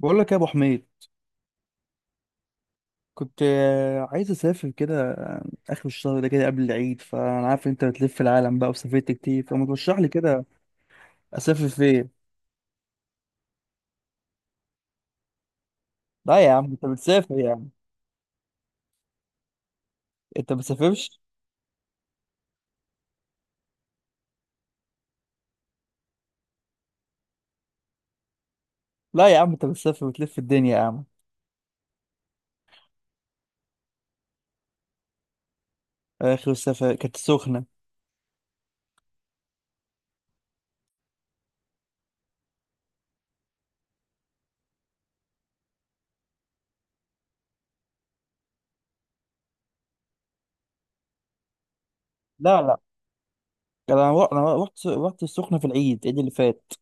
بقول لك يا ابو حميد. كنت عايز اسافر كده، اخر الشهر ده كده قبل العيد. فانا عارف انت بتلف العالم بقى وسافرت كتير، فما ترشح لي كده اسافر فين. لا يا عم انت بتسافر يا عم. انت بتسافرش؟ لا يا عم انت بتسافر وتلف الدنيا يا عم. اخر السفر كانت السخنه. لا لا، انا انا رحت السخنه في العيد اللي فات.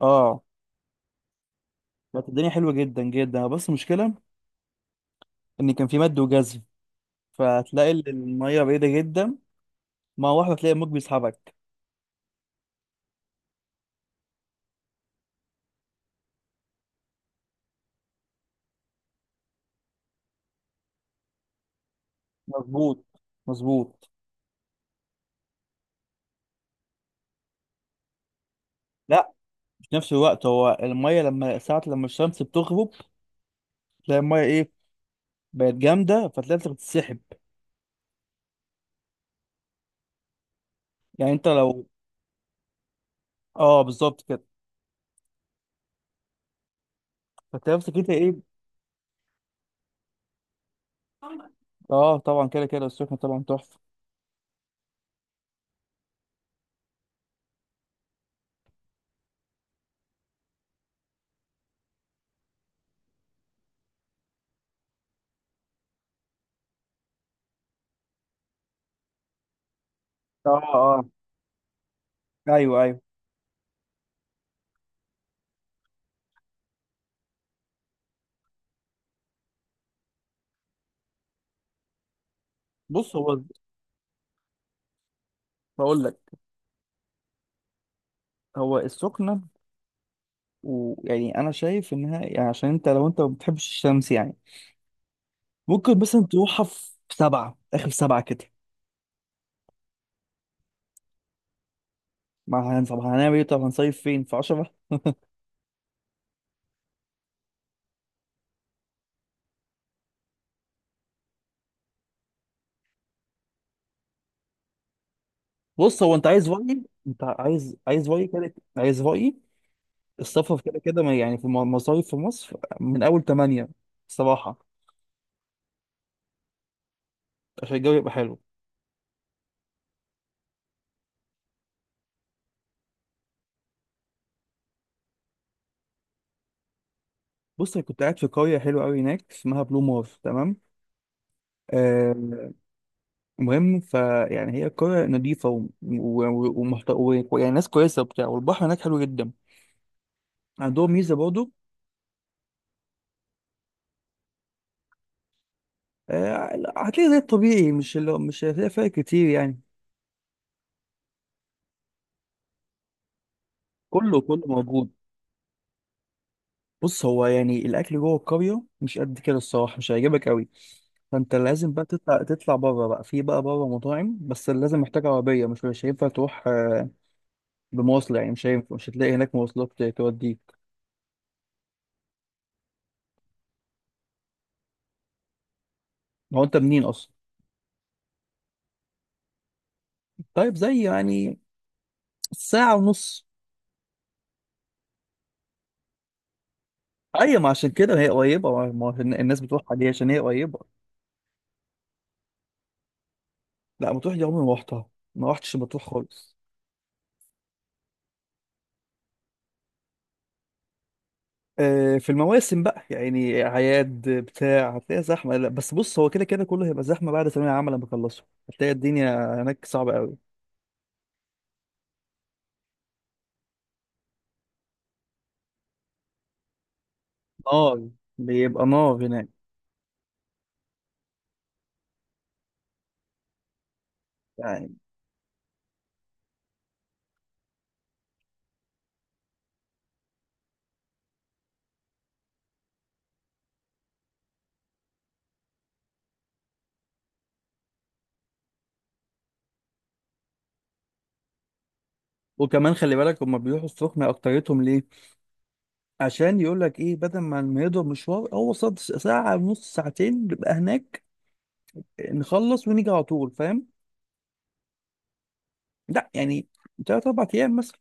اه. كانت الدنيا حلوه جدا جدا، بس المشكله ان كان في مد وجزر، فهتلاقي الميه بعيده جدا. ما واحده تلاقي الموج بيسحبك. مظبوط مظبوط. لا، في نفس الوقت، هو الميه لما الشمس بتغرب تلاقي الميه ايه، بقت جامده، فتلاقي نفسك بتتسحب. يعني انت لو، اه بالظبط كده. فتلاقي نفسك انت ايه. اه طبعا، كده كده السخنه طبعا تحفه. اه. اه. ايوه ايوه. بص هو، بقول لك، هو السخنه ويعني انا شايف انها يعني، عشان انت لو انت ما بتحبش الشمس يعني، ممكن مثلا تروحها في 7، اخر 7 كده. ما هن- طب هنعمل ايه؟ طب هنصيف فين؟ في 10. بص هو، انت عايز رأيي؟ انت عايز رأيي كده؟ عايز رأيي، السفر كده كده يعني في المصايف في مصر من أول 8، الصراحة، عشان الجو يبقى حلو. بص أنا كنت قاعد في قرية حلوة أوي هناك اسمها بلو مار، تمام؟ آه، المهم فيعني هي قرية نظيفة و يعني ناس كويسة وبتاع، والبحر هناك حلو جدا. عندهم ميزة برضه. آه، هتلاقي زي الطبيعي، مش اللي مش هتلاقي فرق كتير يعني. كله كله موجود. بص هو يعني الاكل جوه القريه مش قد كده الصراحه، مش هيعجبك قوي. فانت لازم بقى تطلع بره، بقى في بقى بره مطاعم، بس لازم محتاج عربيه. مش هينفع تروح بمواصله يعني. مش هينفع، مش هتلاقي هناك مواصلات توديك. هو انت منين اصلا؟ طيب زي يعني ساعه ونص. ايوه، ما عشان كده هي قريبه، ما ما هو الناس بتروح عليها عشان هي قريبه. لا مطروح دي عمري ما رحتها، ما رحتش مطروح خالص. في المواسم بقى يعني، اعياد بتاع، هتلاقيها زحمه. لا بس بص، هو كده كده كله هيبقى زحمه بعد ثانويه عامه لما يخلصوا. هتلاقي الدنيا هناك صعبه قوي. نار، بيبقى نار هناك يعني. وكمان خلي بالك هما بيروحوا السخنه اكتريتهم ليه؟ عشان يقول لك ايه، بدل ما ما يضرب مشوار، هو صد ساعه ونص ساعتين بيبقى هناك. نخلص ونيجي على طول، فاهم؟ لا يعني 3 4 ايام مثلا.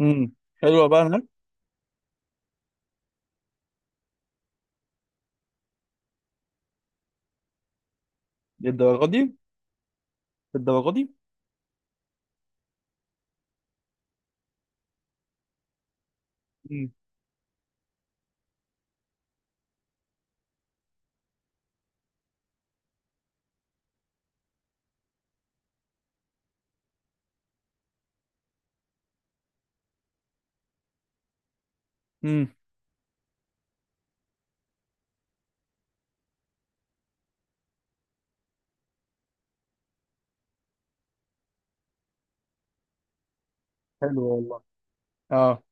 امم، حلوه بقى هناك. للدرجه دي؟ للدرجه دي. امم. امم. حلوه والله. اه.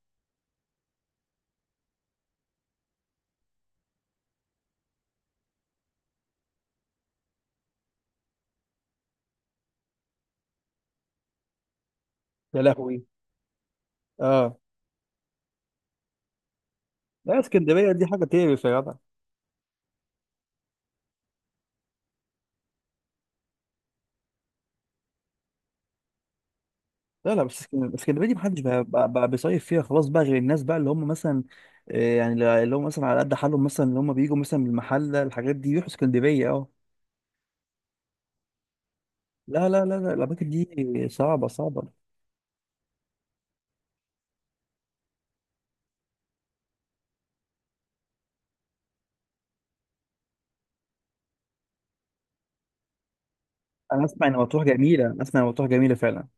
يا لهوي. اه. لا اسكندريه دي حاجه تقرف يا جدع. لا لا بس، اسكندريه دي محدش بقى بيصيف فيها خلاص بقى، غير الناس بقى اللي هم مثلا، يعني اللي هم مثلا على قد حالهم، مثلا اللي هم بيجوا مثلا من المحله، الحاجات دي يروحوا اسكندريه. اه. لا لا لا لا، الاماكن دي صعبه صعبه. انا اسمع ان مطروح جميله، انا اسمع ان مطروح جميله فعلا.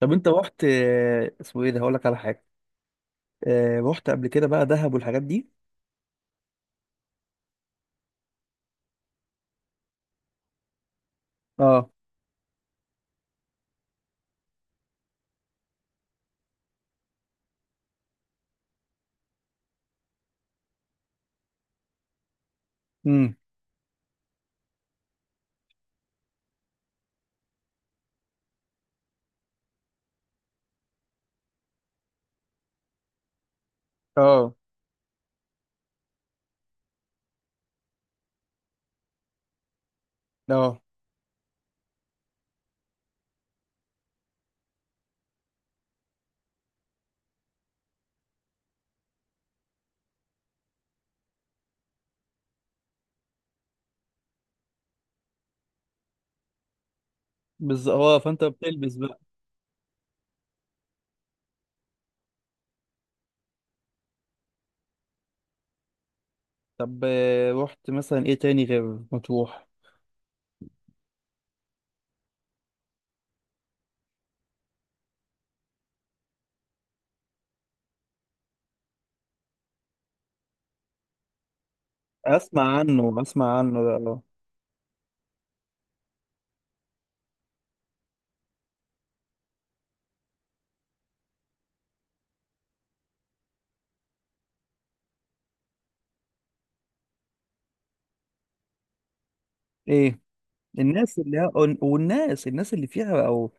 طب انت رحت اسمه ايه ده، هقول لك على حاجه، رحت قبل كده بقى دهب والحاجات دي؟ اه. امم. اه. اه بالظبط هو، فانت بتلبس بقى. طب رحت مثلا ايه تاني غير مطروح؟ اسمع عنه، اسمع عنه ده، اه. ايه الناس اللي هي، والناس الناس اللي فيها، او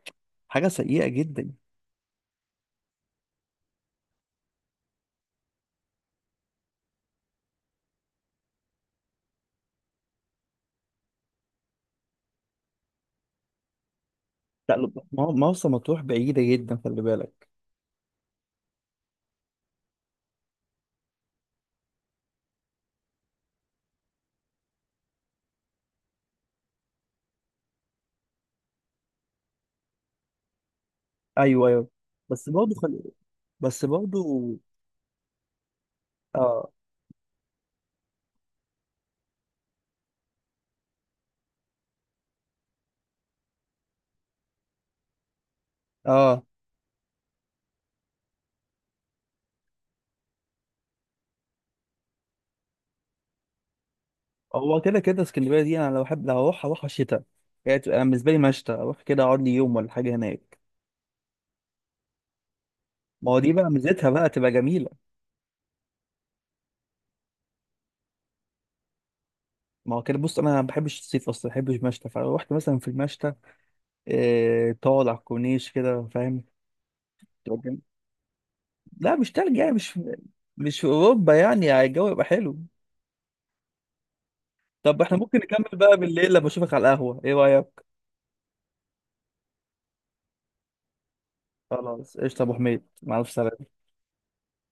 حاجه سيئه جدا. لا لا، ما هو ما هو مرسى مطروح بعيده جدا خلي بالك. ايوه ايوه. بس برضه خلي، بس برضه. اه. اه. هو كده كده اسكندريه دي انا لو احب لو هروح هروح شتاء. يعني تبقى أنا بالنسبه لي مشتى، اروح كده اقعد لي يوم ولا حاجه هناك. ما هو دي بقى ميزتها بقى، تبقى جميله. ما هو كده بص، انا ما بحبش الصيف اصلا، ما بحبش، مشتى، فروحت مثلا في المشتى، تقعد على الكورنيش كده فاهم. لا مش تلج يعني، مش مش في اوروبا يعني، يعني الجو يبقى حلو. طب احنا ممكن نكمل بقى بالليل لما اشوفك على القهوة، ايه رأيك؟ خلاص قشطة يا ابو حميد، مع الف سلامة.